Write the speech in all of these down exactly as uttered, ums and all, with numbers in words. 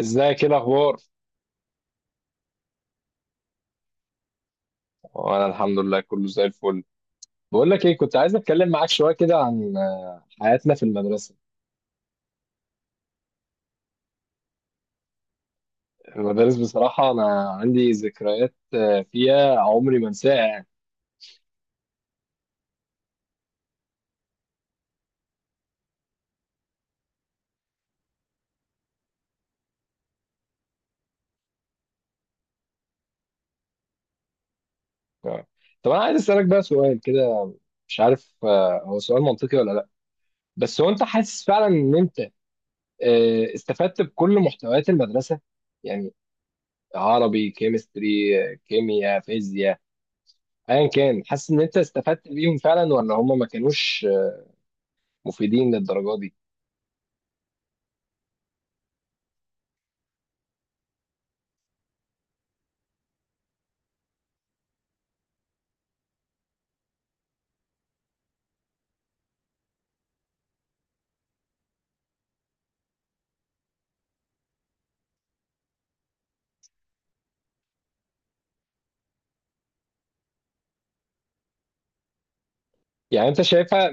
ازيك، ايه الاخبار؟ وانا الحمد لله، كله زي الفل. بقول لك ايه، كنت عايز اتكلم معاك شويه كده عن آه، حياتنا في المدرسه. المدارس بصراحه انا عندي ذكريات آه، فيها عمري ما انساها يعني. ف- طب انا عايز اسالك بقى سؤال كده. مش عارف آه، هو سؤال منطقي ولا لا، بس هو انت حاسس فعلا ان انت آه، استفدت بكل محتويات المدرسه، يعني عربي، كيمستري، آه، كيمياء، فيزياء، ايا كان، حاسس ان انت استفدت بيهم فعلا ولا هم ما كانوش آه، مفيدين للدرجه دي؟ يعني انت شايفها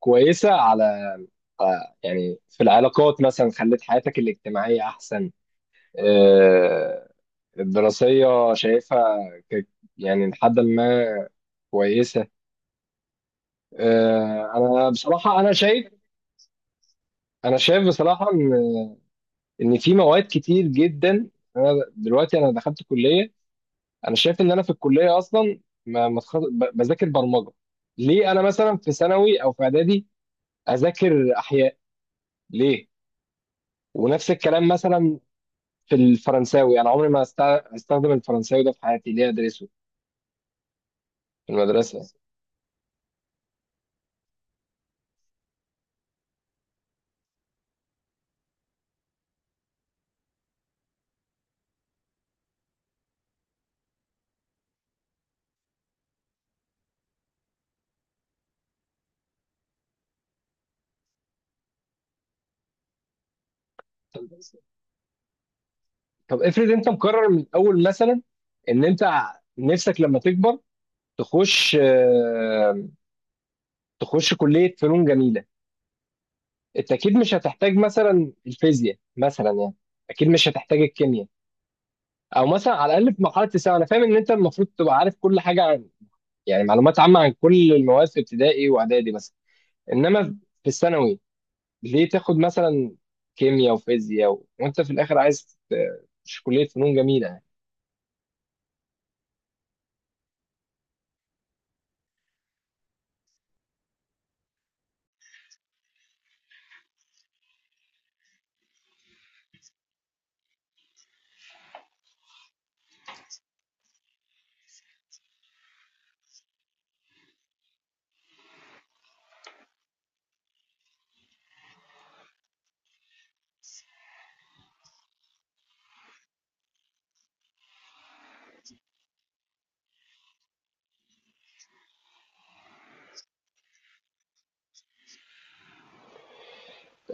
كويسة على آه، يعني في العلاقات مثلا خلت حياتك الاجتماعية احسن؟ آه، الدراسية شايفها ك- يعني لحد ما كويسة؟ آه، انا بصراحة انا شايف، انا شايف بصراحة ان ان في مواد كتير جدا. انا دلوقتي انا دخلت كلية، انا شايف ان انا في الكلية اصلا ما ما اتخ- ب- بذاكر برمجة. ليه انا مثلا في ثانوي او في اعدادي اذاكر احياء؟ ليه؟ ونفس الكلام مثلا في الفرنساوي، انا عمري ما أستع- استخدم الفرنساوي ده في حياتي، ليه ادرسه في المدرسه؟ طب طب افرض انت مقرر من الاول مثلا ان انت ع- نفسك لما تكبر تخش آه، تخش كليه فنون جميله، انت اكيد مش هتحتاج مثلا الفيزياء مثلا يعني، اكيد مش هتحتاج الكيمياء. او مثلا على الاقل في مرحله الثانوي، انا فاهم ان انت المفروض تبقى عارف كل حاجه عن، يعني معلومات عامه عن كل المواد في ابتدائي واعدادي مثلا، انما في الثانوي ليه تاخد مثلا كيمياء وفيزياء و... وانت في الاخر عايز ت- مش كلية فنون جميلة يعني.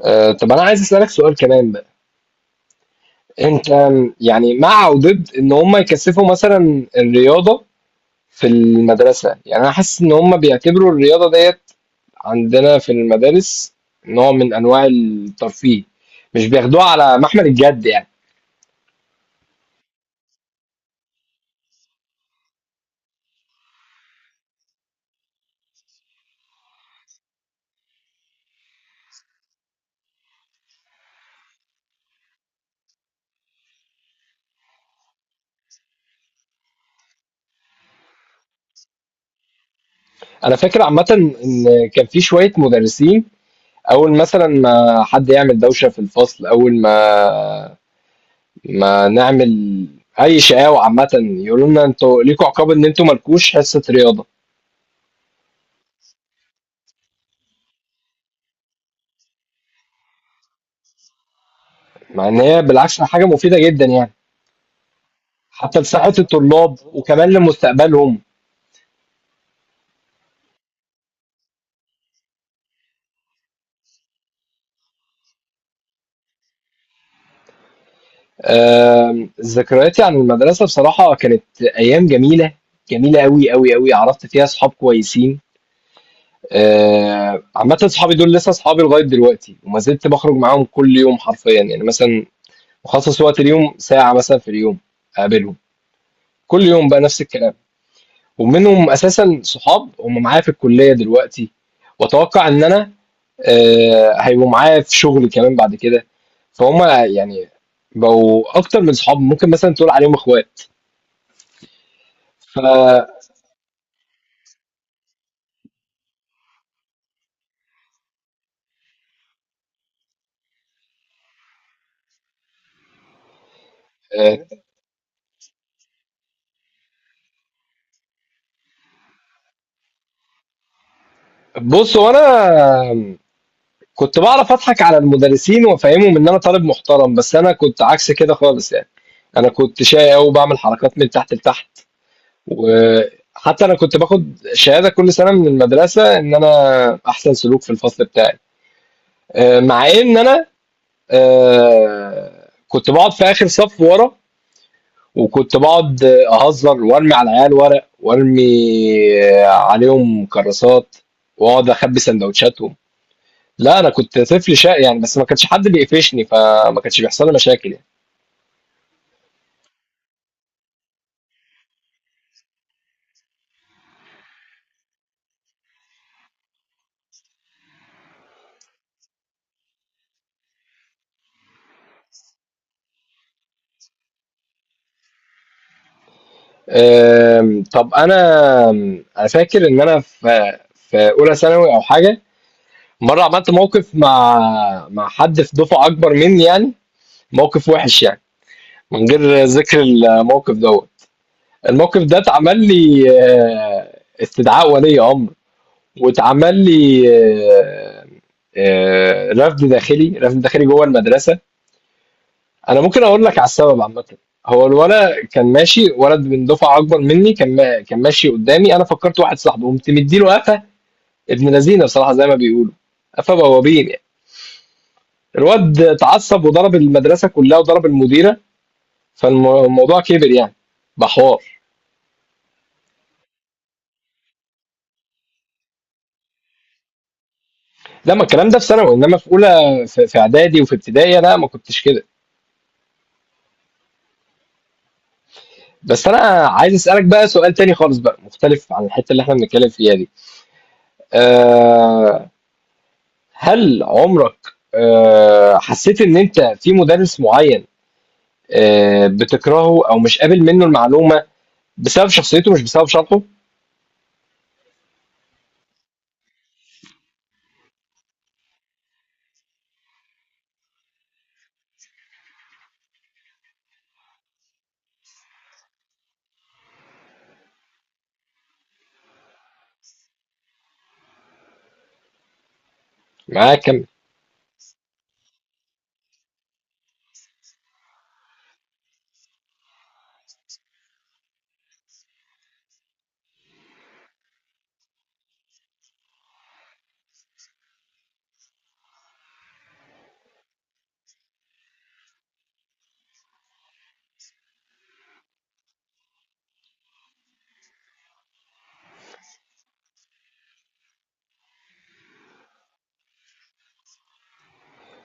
أه، طب انا عايز اسالك سؤال كمان بقى. انت يعني مع او ضد ان هم يكثفوا مثلا الرياضة في المدرسة؟ يعني انا حاسس ان هم بيعتبروا الرياضة ديت عندنا في المدارس نوع من انواع الترفيه، مش بياخدوها على محمل الجد يعني. انا فاكر عامة ان كان في شوية مدرسين، اول مثلا ما حد يعمل دوشة في الفصل، اول ما ما نعمل اي شقاوة، عامة يقولوا لنا انتوا ليكوا عقاب ان انتوا مالكوش حصة رياضة. مع ان هي بالعكس حاجة مفيدة جدا يعني، حتى لصحة الطلاب وكمان لمستقبلهم. آم، ذكرياتي عن المدرسة بصراحة كانت ايام جميلة، جميلة قوي قوي قوي. عرفت فيها صحاب كويسين. آه، عامة صحابي دول لسه صحابي لغاية دلوقتي، وما زلت بخرج معاهم كل يوم حرفيا يعني، مثلا بخصص وقت اليوم ساعة مثلا في اليوم اقابلهم، كل يوم بقى نفس الكلام. ومنهم اساسا صحاب هم معايا في الكليه دلوقتي، واتوقع ان انا آه، هيبقوا معايا في شغل كمان بعد كده. فهم يعني بقوا اكتر من صحاب، ممكن مثلا تقول عليهم اخوات. ف آه، بص، وانا كنت بعرف اضحك على المدرسين وافهمهم ان انا طالب محترم، بس انا كنت عكس كده خالص يعني. انا كنت شقي قوي، وبعمل حركات من تحت لتحت. وحتى انا كنت باخد شهاده كل سنه من المدرسه ان انا احسن سلوك في الفصل بتاعي، آه، مع ان انا آه، كنت بقعد في اخر صف ورا، وكنت بقعد آه، اهزر وارمي على العيال ورق، وارمي آه، عليهم كراسات، واقعد اخبي سندوتشاتهم. لا، انا كنت طفل شقي يعني، بس ما كانش حد بيقفشني فما كانش بيحصل لي مشاكل يعني. آم، طب انا انا فاكر ان انا في في اولى ثانوي او حاجه مره عملت موقف مع مع حد في دفعه اكبر مني يعني. موقف وحش يعني، من غير ذكر الموقف دوت. الموقف ده اتعمل لي آه، استدعاء ولي امر، واتعمل لي آه، آه، رفض داخلي رفض داخلي جوه المدرسه. انا ممكن اقول لك على السبب عامه. هو الولد كان ماشي، ولد من دفعه اكبر مني، كان ما كان ماشي قدامي، انا فكرت واحد صاحبي قمت مديله قفا، ابن لذينه بصراحه زي ما بيقولوا، قفا بوابين يعني. الواد اتعصب وضرب المدرسه كلها وضرب المديره، فالموضوع كبر يعني بحوار. لا، ما الكلام ده في ثانوي، انما في اولى، في في اعدادي وفي ابتدائي لا ما كنتش كده. بس انا عايز اسالك بقى سؤال تاني خالص بقى، مختلف عن الحته اللي احنا بنتكلم فيها دي. أه، هل عمرك أه حسيت ان انت في مدرس معين أه بتكرهه او مش قابل منه المعلومه بسبب شخصيته مش بسبب شرحه؟ معاك كم؟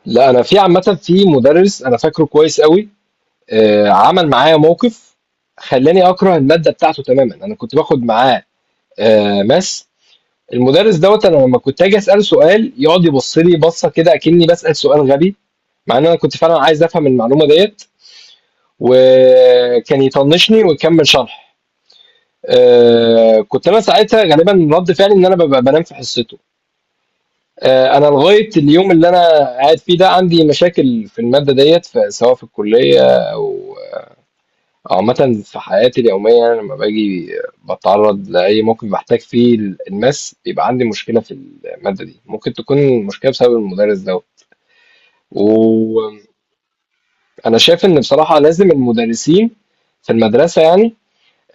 لا، انا في عامه في مدرس انا فاكره كويس قوي، أه، عمل معايا موقف خلاني اكره الماده بتاعته تماما. انا كنت باخد معاه آه ماس. المدرس دوّة أنا لمّا كنت آجي أسأله سؤال يقعد يبُص لي بَصّة كده أكنّي باسأل سؤال غبي، مع إن أنا كنت فعلًا عايز أفهم المعلومة ديّة، وكان يطنّشني ويكمّل شرح. آآ كنت أنا ساعتها غالبًا رَد فعلي إن أنا بابقى بانام في حصته. آآ أنا لغاية اليوم اللي أنا قاعد فيه ده عندي مشاكل في المادة ديّة، ف سواء في الكلية أو عامة في حياتي اليومية، أنا لما باجي بتعرض لأي موقف بحتاج فيه الناس، بيبقى عندي مشكلة في المادة دي، ممكن تكون المشكلة بسبب المدرس ده. وأنا شايف إن بصراحة لازم المدرسين في المدرسة يعني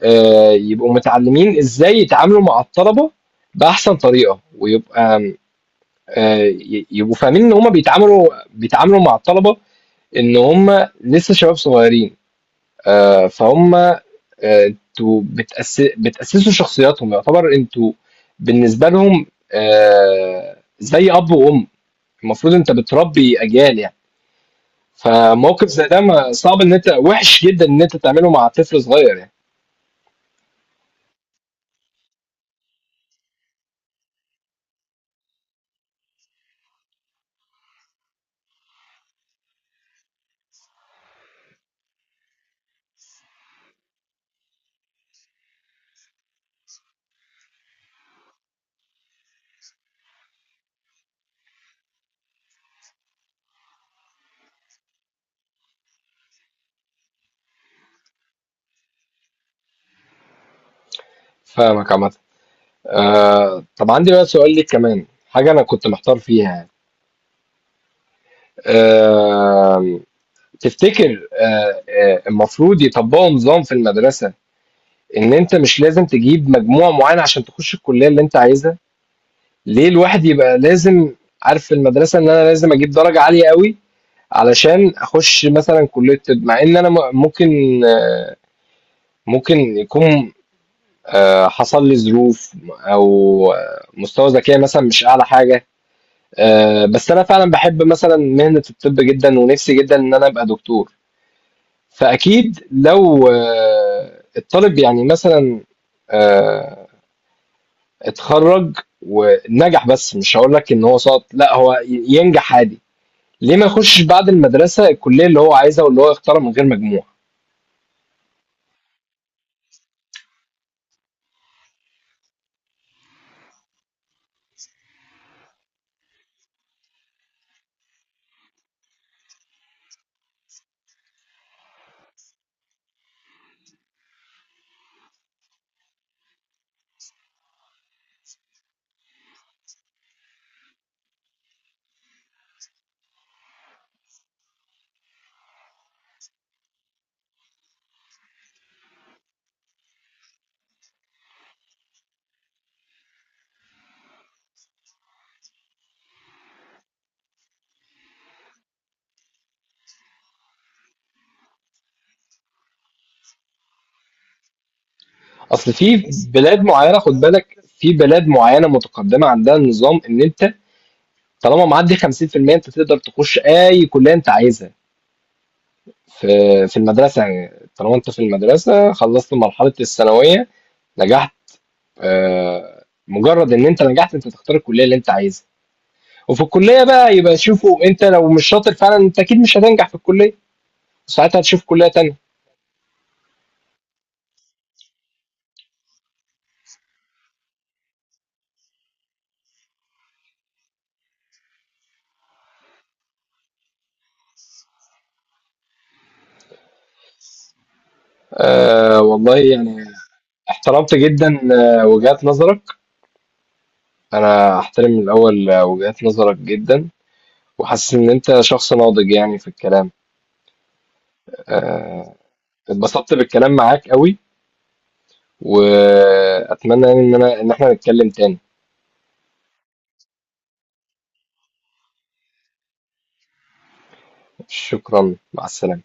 آه، يبقوا متعلمين إزاي يتعاملوا مع الطلبة بأحسن طريقة، ويبقى آه، ي- يبقوا فاهمين إن هما بيتعاملوا بيتعاملوا مع الطلبة، إن هما لسه شباب صغيرين، آه، فهم آه، انتوا بتأس... بتأسسوا شخصياتهم، يعتبر انتوا بالنسبة لهم آه، زي أب وأم. المفروض انت بتربي أجيال يعني، فموقف زي ده ما صعب، ان انت وحش جدا ان انت تعمله مع طفل صغير يعني. فاهمك عامة. آه، طب عندي بقى سؤال ليك، كمان حاجة أنا كنت محتار فيها يعني. آه، تفتكر آه، آه، المفروض يطبقوا نظام في المدرسة إن أنت مش لازم تجيب مجموع معين عشان تخش الكلية اللي أنت عايزها؟ ليه الواحد يبقى لازم عارف في المدرسة إن أنا لازم أجيب درجة عالية أوي علشان أخش مثلًا كلية طب، مع إن أنا م ممكن آه، ممكن يكون آه، حصل لي ظروف أو آه، مستوى ذكائي مثلًا مش أعلى حاجة، آآ بس أنا فعلًا باحب مثلًا مهنة الطب جدًا ونفسي جدًا إن أنا أبقى دكتور. فأكيد لو آه، الطالب يعني مثلًا آآ اتخرّج ونجح، بس مش هاقول لك إن هو سقط، لأ هو ي ينجح عادي. ليه ما يخشش بعد المدرسة الكلية اللي هو عايزها واللي هو يختارها من غير مجموع؟ اصل في بلاد معينة، خد بالك، في بلاد معينة متقدمة عندها النظام ان انت طالما معدي خمسين في المية انت تقدر تخش اي كلية انت عايزها في في المدرسة يعني، طالما انت في المدرسة خلصت مرحلة الثانوية نجحت، آه، مجرد ان انت نجحت انت تختار الكلية اللي انت عايزها، وفي الكلية بقى يبقى شوفوا، انت لو مش شاطر فعلا انت اكيد مش هتنجح في الكلية، ساعتها هتشوف كلية تانية. آه والله يعني، احترمت جدا آه، وجهات نظرك. انا احترم من الاول آه، وجهات نظرك جدا، وحاسس ان انت شخص ناضج يعني في الكلام. آه، اتبسطت بالكلام معاك قوي، واتمنى يعني ان انا ان احنا نتكلم تاني. شكرا، مع السلامة.